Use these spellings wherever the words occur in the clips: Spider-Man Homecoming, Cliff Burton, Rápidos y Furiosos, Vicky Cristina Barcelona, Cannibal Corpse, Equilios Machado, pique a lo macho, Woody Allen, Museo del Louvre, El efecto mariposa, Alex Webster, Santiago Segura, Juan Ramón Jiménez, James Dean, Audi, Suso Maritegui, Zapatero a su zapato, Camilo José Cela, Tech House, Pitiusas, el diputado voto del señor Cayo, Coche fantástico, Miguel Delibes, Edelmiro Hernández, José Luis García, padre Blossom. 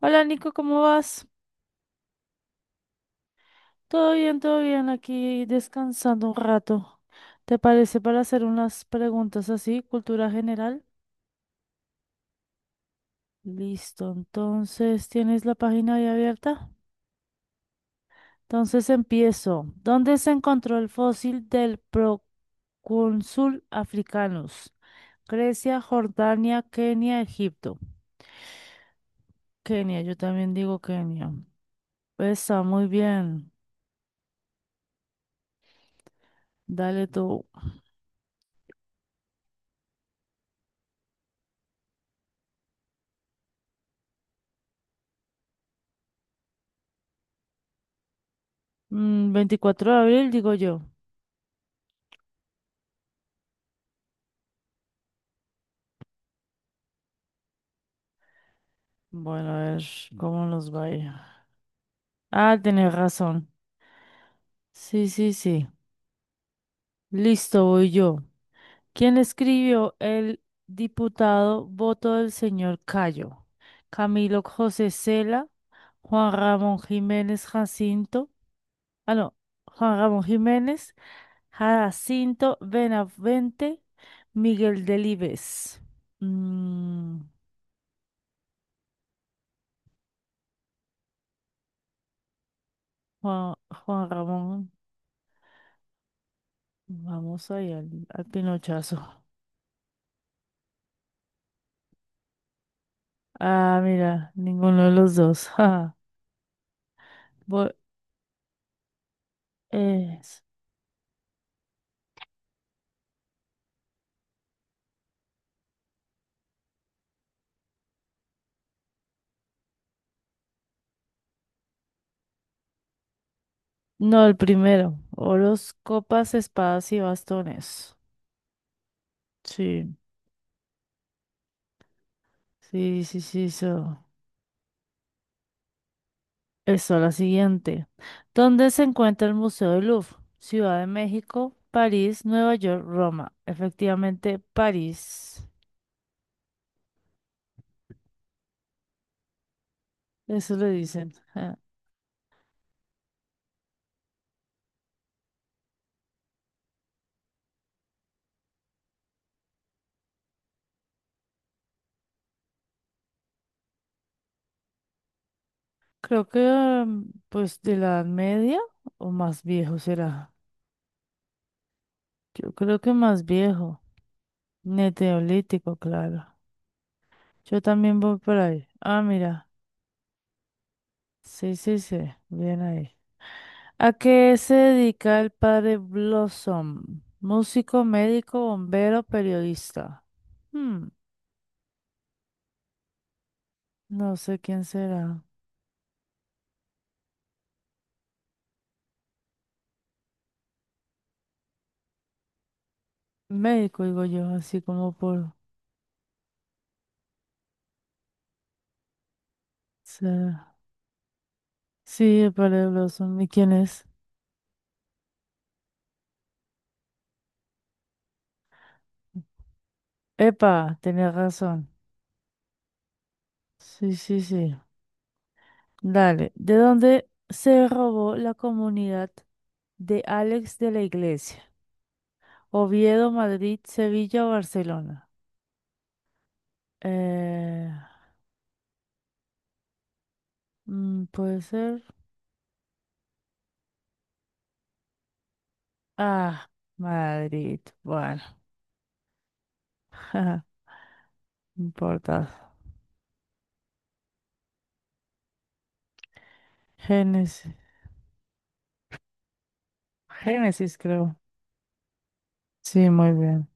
Hola Nico, ¿cómo vas? Todo bien, aquí descansando un rato. ¿Te parece para hacer unas preguntas así, cultura general? Listo, entonces tienes la página ahí abierta. Entonces empiezo. ¿Dónde se encontró el fósil del procónsul africanus? Grecia, Jordania, Kenia, Egipto. Kenia, yo también digo Kenia. Pues, está muy bien. Dale tú. 24 de abril, digo yo. Bueno, a ver cómo nos vaya. Ah, tenés razón. Sí, sí, sí. Listo, voy yo. ¿Quién escribió el diputado voto del señor Cayo? Camilo José Cela, Juan Ramón Jiménez, Jacinto. Ah, no, Juan Ramón Jiménez, Jacinto Benavente, Miguel Delibes. Mm, Juan, Juan Ramón, vamos ahí al pinochazo. Ah, mira, ninguno de los dos. Ja. Bo- eh, s- no, el primero. Oros, copas, espadas y bastones. Sí, sí, sí, sí, eso. Eso, la siguiente. ¿Dónde se encuentra el Museo del Louvre? Ciudad de México, París, Nueva York, Roma. Efectivamente, París. Eso le dicen. Ja. Creo que, pues, de la Edad Media o más viejo será. Yo creo que más viejo. Neolítico, claro. Yo también voy por ahí. Ah, mira. Sí, sí, sí. Bien ahí. ¿A qué se dedica el padre Blossom? Músico, médico, bombero, periodista. Hmm, no sé quién será. Médico, digo yo, así como por... será. Sí, el padre Blossom. ¿Y quién es? Epa, tenía razón. Sí, sí, sí. Dale. ¿De dónde se robó la comunidad de Alex de la Iglesia? Oviedo, Madrid, Sevilla o Barcelona. Eh, puede ser. Ah, Madrid. Bueno, no importa. Génesis. Génesis, creo. Sí, muy bien.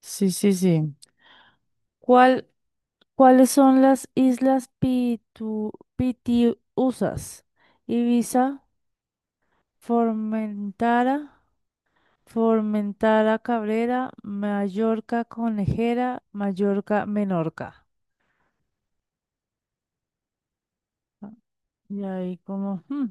Sí, sí, sí. ¿Cuál, ¿cuáles son las islas Pitu, Pitiusas? Ibiza, Formentara, Formentara Cabrera, Mallorca Conejera, Mallorca Menorca. Y ahí como, "Hmm,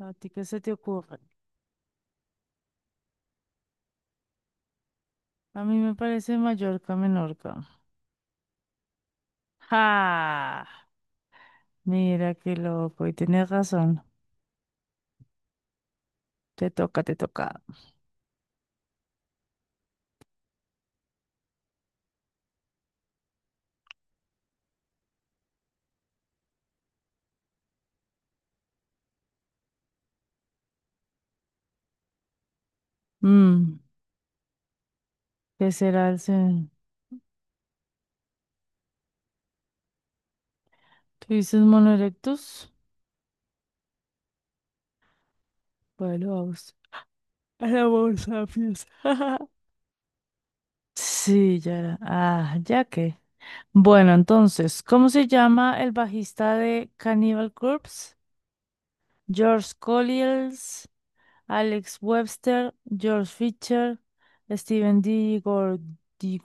¿a ti qué se te ocurre? A mí me parece Mallorca, Menorca. ¡Ja! Mira qué loco, y tienes razón. Te toca, te toca. Mm, ¿Qué será el... se- ¿Tú dices mono erectus? Bueno, vamos. A la bolsa, fiesta. Sí, ya era. Ah, ya que. Bueno, entonces, ¿cómo se llama el bajista de Cannibal Corpse? George Collins, Alex Webster, George Fisher, Steven D. Gor- D.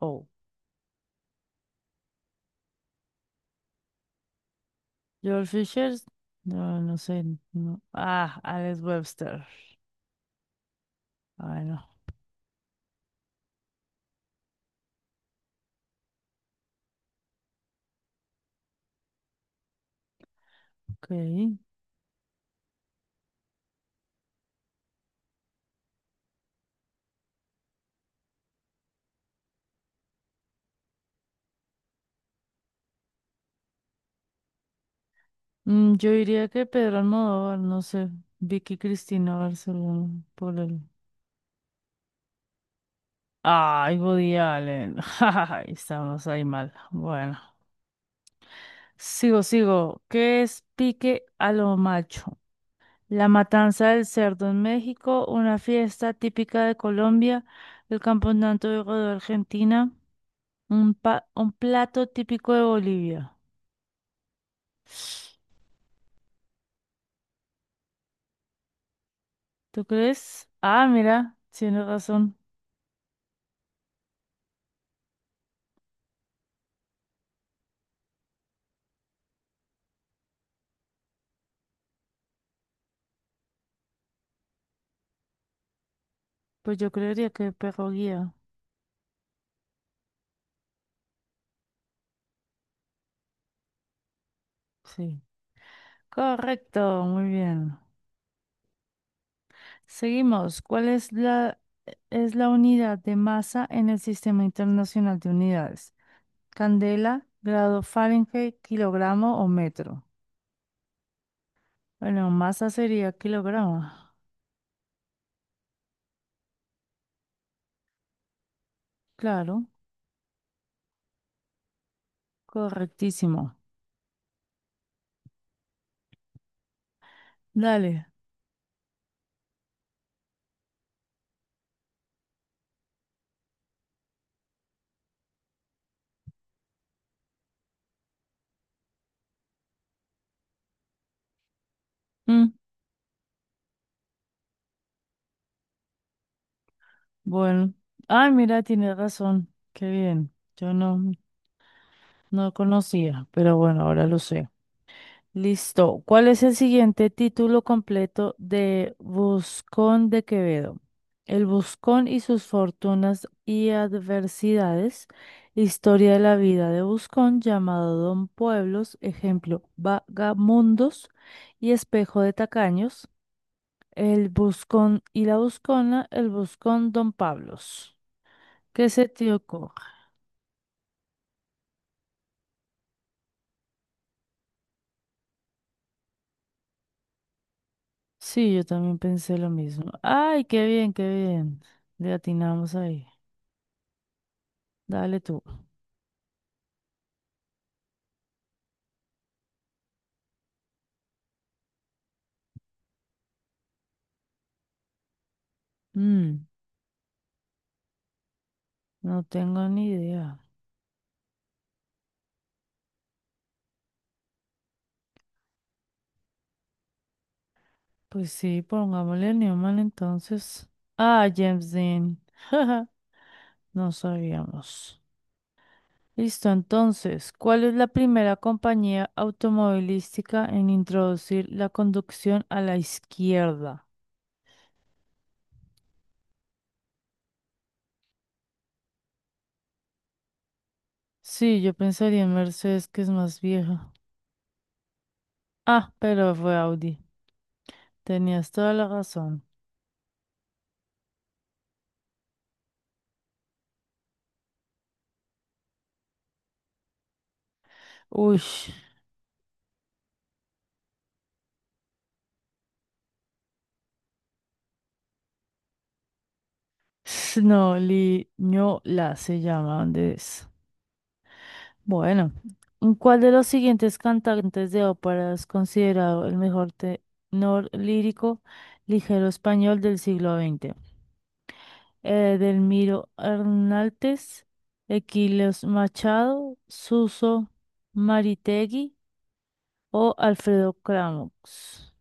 Oh, George Fisher, no, no sé. No. Ah, Alex Webster. Bueno, ok. Yo diría que Pedro Almodóvar, no sé. Vicky Cristina Barcelona, por el. Ay, Woody Allen. Ay, estamos ahí mal. Bueno, sigo. ¿Qué es pique a lo macho? La matanza del cerdo en México, una fiesta típica de Colombia, el campeonato de rodeo Argentina, un plato típico de Bolivia. ¿Tú crees? Ah, mira, tienes razón. Pues yo creería que perro guía. Sí. Correcto, muy bien. Seguimos. ¿Es la unidad de masa en el Sistema Internacional de Unidades? Candela, grado Fahrenheit, kilogramo o metro. Bueno, masa sería kilogramo. Claro, correctísimo. Dale. Mm, bueno. Ay, mira, tiene razón. Qué bien. Yo no, no conocía, pero bueno, ahora lo sé. Listo. ¿Cuál es el siguiente título completo de Buscón de Quevedo? El Buscón y sus fortunas y adversidades. Historia de la vida de Buscón, llamado Don Pueblos, ejemplo, Vagamundos y Espejo de Tacaños. El buscón y la buscona, el buscón Don Pablos. ¿Qué se te ocurre? Sí, yo también pensé lo mismo. Ay, qué bien, qué bien. Le atinamos ahí. Dale tú. Mm, no tengo ni idea. Pues sí, pongámosle a Newman entonces. Ah, James Dean. No sabíamos. Listo, entonces, ¿cuál es la primera compañía automovilística en introducir la conducción a la izquierda? Sí, yo pensaría en Mercedes, que es más vieja. Ah, pero fue Audi. Tenías toda la razón. Uy, la se llama, ¿dónde es? Bueno, ¿cuál de los siguientes cantantes de ópera es considerado el mejor tenor lírico ligero español del siglo XX? Edelmiro Hernández, Equilios Machado, Suso Maritegui o Alfredo Kramox.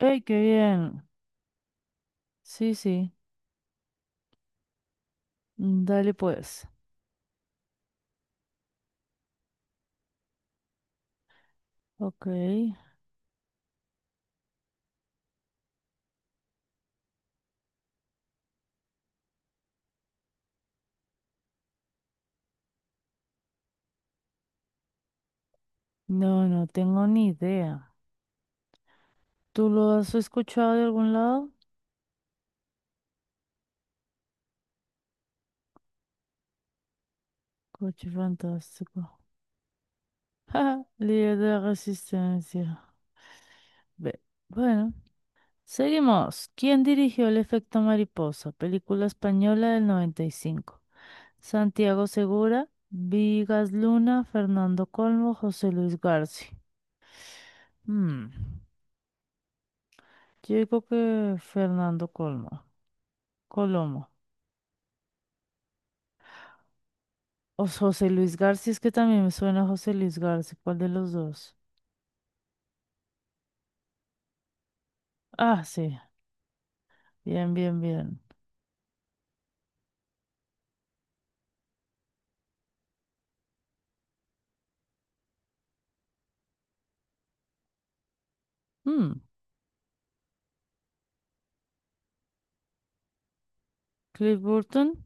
¡Ey, qué bien! Sí, sí. Dale pues. Ok. No, no tengo ni idea. ¿Tú lo has escuchado de algún lado? Coche fantástico. ¡Ja! Líder de la resistencia. Ve. Bueno, seguimos. ¿Quién dirigió El efecto mariposa? Película española del 95. Santiago Segura, Vigas Luna, Fernando Colmo, José Luis García. Hmm. Yo digo que Fernando Colmo. Colomo. O José Luis García, es que también me suena José Luis García. ¿Cuál de los dos? Ah, sí. Bien, bien, bien. Mm, Cliff Burton.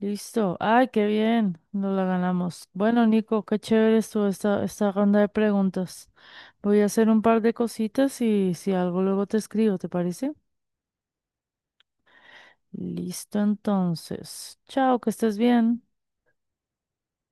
Listo. Ay, qué bien. Nos la ganamos. Bueno, Nico, qué chévere estuvo esta, esta ronda de preguntas. Voy a hacer un par de cositas y si algo luego te escribo, ¿te parece? Listo, entonces. Chao, que estés bien.